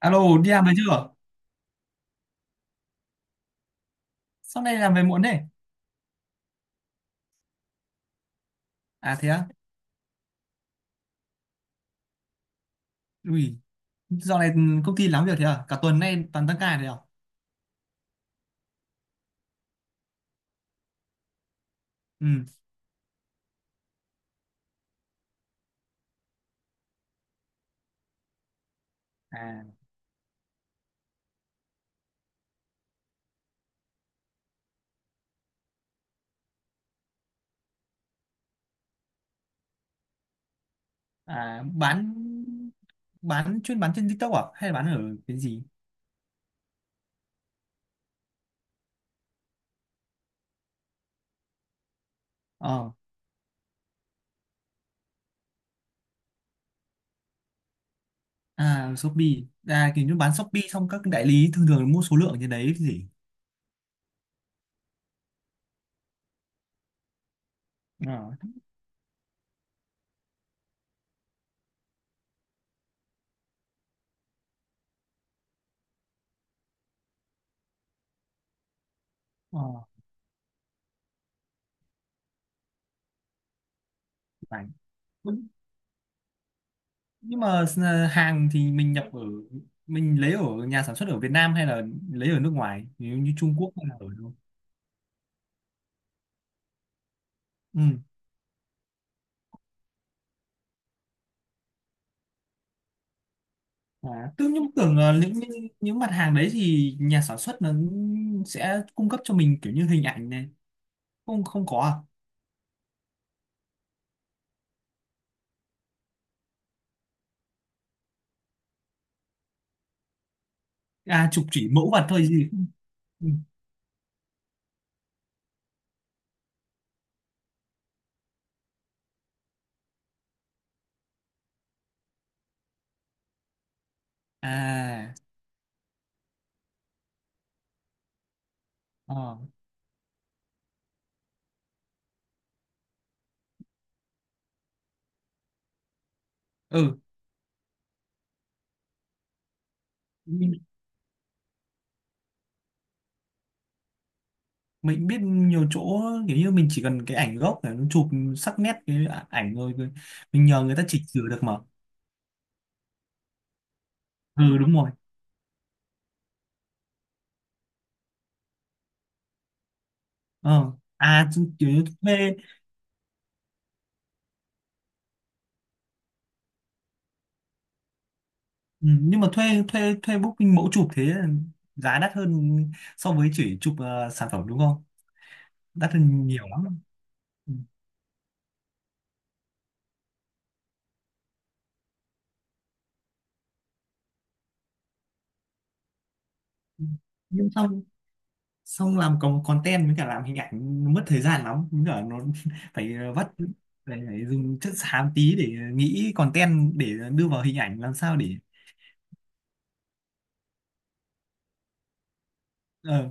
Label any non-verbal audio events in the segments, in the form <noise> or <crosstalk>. Alo, đi làm về chưa? Sau này làm về muộn thế? À thế á? Ui, dạo này công ty lắm việc thế à? Cả tuần nay toàn tăng ca thế à? Ừ. À, à, bán chuyên bán trên TikTok à? Hay là bán ở cái gì? Ờ, à Shopee. À kiểu như bán Shopee xong các đại lý thường thường mua số lượng trên đấy chứ gì? Ờ, ờ, phải. Nhưng nhưng mà hàng thì mình lấy ở nhà sản xuất ở Việt Nam hay là lấy ở nước ngoài? Như Trung Quốc hay là ở đâu? Ừ. À, tôi nhưng tưởng những mặt hàng đấy thì nhà sản xuất nó sẽ cung cấp cho mình kiểu như hình ảnh này không không có. À chụp chỉ mẫu vật thôi gì? Ừ. à ờ ừ, mình, mình biết nhiều chỗ kiểu như mình chỉ cần cái ảnh gốc để nó chụp sắc nét cái ảnh rồi rồi mình nhờ người ta chỉnh sửa được mà. Ừ, đúng rồi. ờ Chứ kiểu như thuê. Ừ, nhưng mà thuê thuê thuê booking mẫu chụp thế là giá đắt hơn so với chỉ chụp sản phẩm đúng không? Đắt hơn nhiều lắm. Ừ. Nhưng xong xong làm còn content với cả làm hình ảnh nó mất thời gian lắm, cũng là nó <laughs> phải vắt. Phải dùng chất xám tí để nghĩ content để đưa vào hình ảnh làm sao để ờ,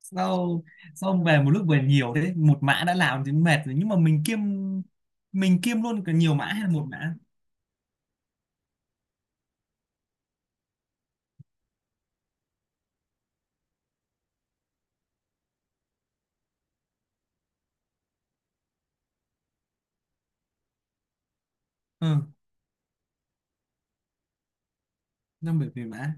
sau xong về một lúc về nhiều thế. Một mã đã làm thì mệt rồi nhưng mà mình kiêm luôn cả nhiều mã hay là một mã? Ừ, năm bảy mười mã.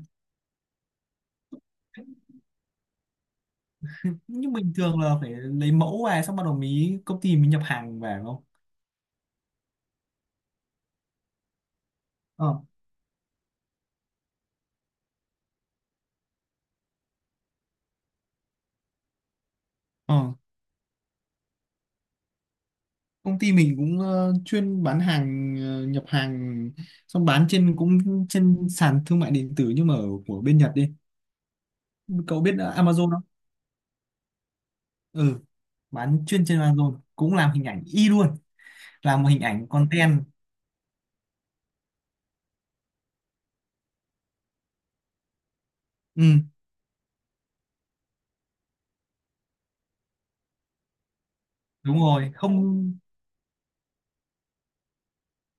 Nhưng bình thường là phải lấy mẫu về xong bắt đầu mới công ty mình nhập hàng về đúng không? ờ ờ Công ty mình cũng chuyên bán hàng, nhập hàng xong bán trên, cũng trên sàn thương mại điện tử nhưng mà ở của bên Nhật đi. Cậu biết Amazon không? Ừ, bán chuyên trên Amazon cũng làm hình ảnh y luôn. Làm một hình ảnh content. Ừ, đúng rồi. Không,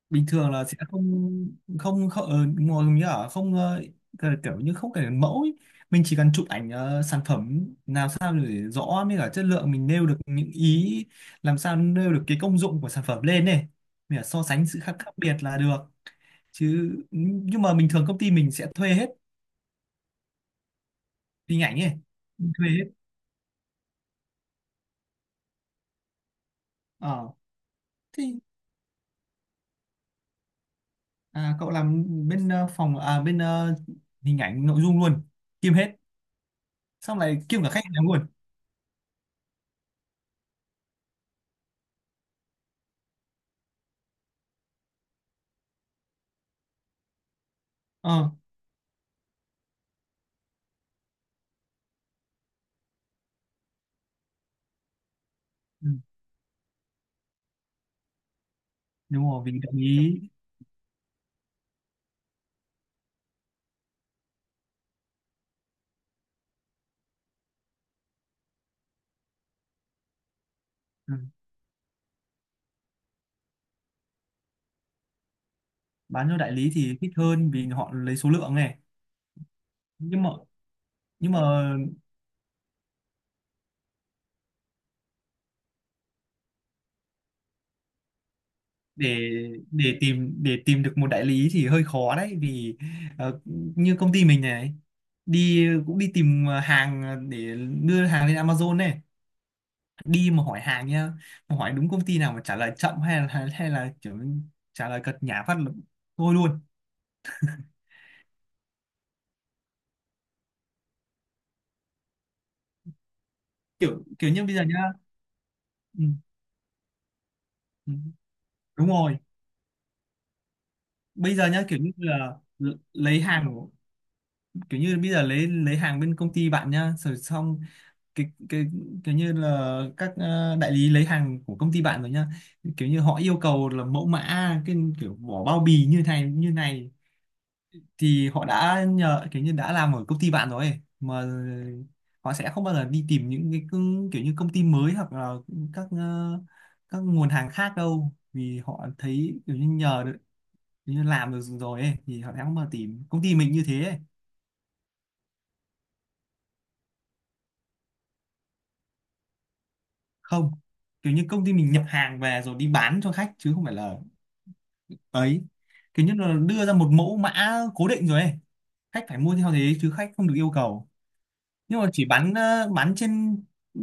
bình thường là sẽ không không không ngồi như ở không, kiểu kiểu như không cần mẫu ấy. Mình chỉ cần chụp ảnh sản phẩm làm sao để rõ mới cả chất lượng, mình nêu được những ý, làm sao nêu được cái công dụng của sản phẩm lên này. Mình phải so sánh sự khác biệt là được chứ. Nhưng mà bình thường công ty mình sẽ thuê hết hình ảnh ấy, thuê hết. ờ Thế à? Cậu làm bên phòng, à, bên hình ảnh nội dung luôn? Kiêm hết, xong lại kiêm cả khách hàng luôn. Ờ, đúng rồi, vì đại lý. Ừ, bán cho đại lý thì thích hơn vì họ lấy số lượng này. Nhưng mà nhưng mà để để tìm được một đại lý thì hơi khó đấy vì ờ, như công ty mình này, cũng đi tìm hàng để đưa hàng lên Amazon này, đi mà hỏi hàng nhá, mà hỏi đúng công ty nào mà trả lời chậm hay là kiểu trả lời cật nhả phát là thôi luôn. Kiểu kiểu như bây giờ nhá. Ừ, ừ, đúng rồi. Bây giờ nhá, kiểu như là lấy hàng, kiểu như bây giờ lấy hàng bên công ty bạn nhá rồi xong, cái kiểu như là các ờ, đại lý lấy hàng của công ty bạn rồi nhá, kiểu như họ yêu cầu là mẫu mã, cái kiểu vỏ bao bì như này thì họ đã nhờ kiểu như đã làm ở công ty bạn rồi ấy, mà họ sẽ không bao giờ đi tìm những cái kiểu như công ty mới hoặc là các ờ, các nguồn hàng khác đâu vì họ thấy kiểu như nhờ được, kiểu như làm được rồi ấy, thì họ sẽ không bao giờ tìm công ty mình như thế ấy. Không, kiểu như công ty mình nhập hàng về rồi đi bán cho khách chứ không phải là ấy, kiểu như là đưa ra một mẫu mã cố định rồi ấy. Khách phải mua theo thế chứ khách không được yêu cầu. Nhưng mà chỉ bán bán trên, ừ,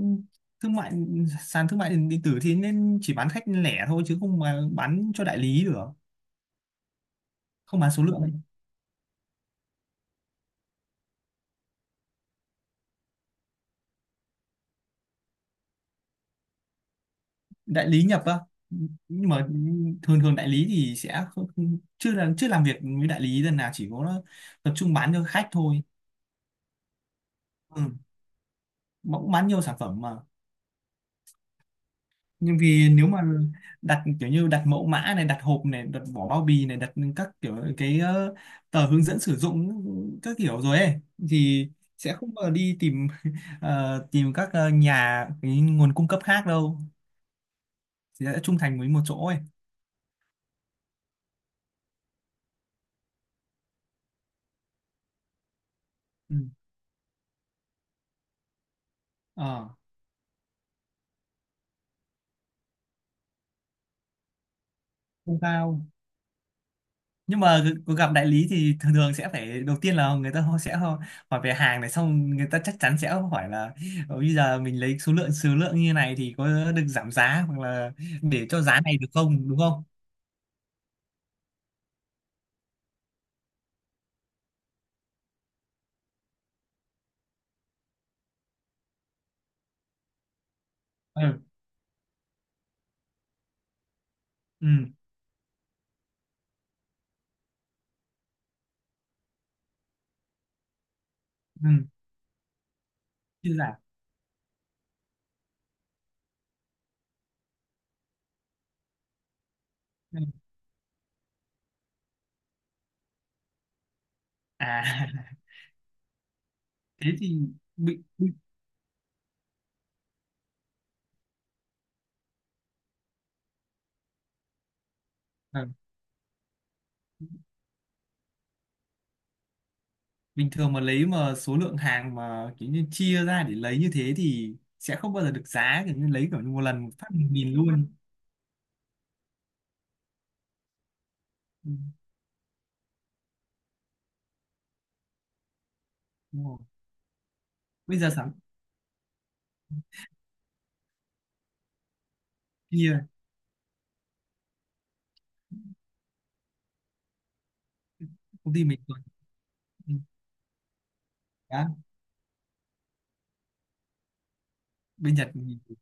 thương mại sàn thương mại điện điện tử thì nên chỉ bán khách lẻ thôi chứ không mà bán cho đại lý được. Không bán số lượng ấy. Đại lý nhập á. Nhưng mà thường thường đại lý thì sẽ không, chưa làm việc với đại lý lần nào, chỉ có tập trung bán cho khách thôi. Ừ. Mà cũng bán nhiều sản phẩm mà. Nhưng vì nếu mà đặt kiểu như đặt mẫu mã này, đặt hộp này, đặt vỏ bao bì này, đặt các kiểu cái tờ hướng dẫn sử dụng các kiểu rồi ấy thì sẽ không bao giờ đi tìm <laughs> tìm các nhà cái nguồn cung cấp khác đâu, thì sẽ trung thành với một chỗ ấy. Ừ. ờ Không cao nhưng mà gặp đại lý thì thường thường sẽ phải đầu tiên là người ta họ sẽ hỏi về hàng này, xong người ta chắc chắn sẽ hỏi là "Ờ, bây giờ mình lấy số lượng như này thì có được giảm giá hoặc là để cho giá này được không đúng không?" Ừ, ừ, ừ. Chưa giảm. Ừ. À <laughs> thế thì. bị, bị- ờ, Bình thường mà lấy mà số lượng hàng mà kiểu như chia ra để lấy như thế thì sẽ không bao giờ được giá kiểu như lấy kiểu như một lần một phát 1.000 luôn. Ừ. Đúng rồi. Bây giờ sẵn chia công ty mình rồi. Ừ. Đó, bên Nhật thì-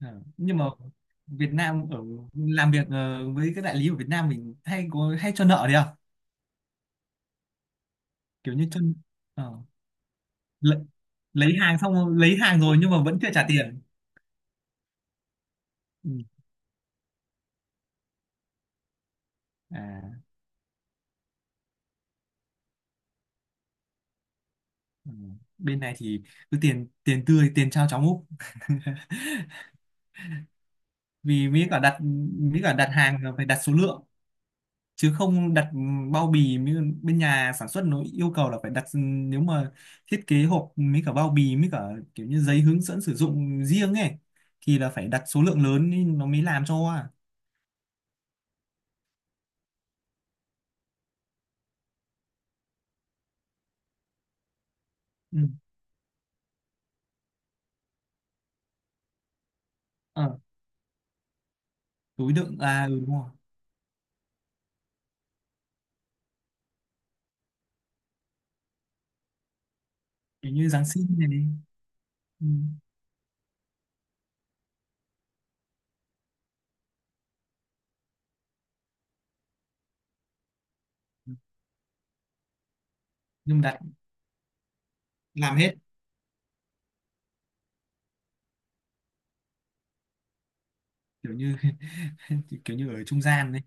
ờ, nhưng mà Việt Nam ở làm việc với các đại lý ở Việt Nam mình hay có hay cho nợ đấy à? Kiểu như cho ờ, lấy, hàng xong lấy hàng rồi nhưng mà vẫn chưa trả tiền. Ừ. À, ừ. Bên này thì cứ tiền tiền tươi, tiền trao cháo múc. Vì mới cả đặt hàng là phải đặt số lượng chứ không đặt bao bì như bên nhà sản xuất nó yêu cầu là phải đặt nếu mà thiết kế hộp mấy cả bao bì, mấy cả kiểu như giấy hướng dẫn sử dụng riêng ấy thì là phải đặt số lượng lớn ý, nó mới làm cho. À, ừ. ờ, túi đựng à? Ừ, đúng rồi, kiểu như Giáng sinh này đi. Ừ. Nhưng mà đặt làm hết. Kiểu như <laughs> kiểu như ở trung gian đấy.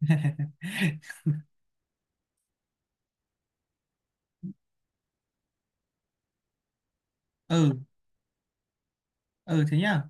<laughs> ừ, ừ, thế nhá.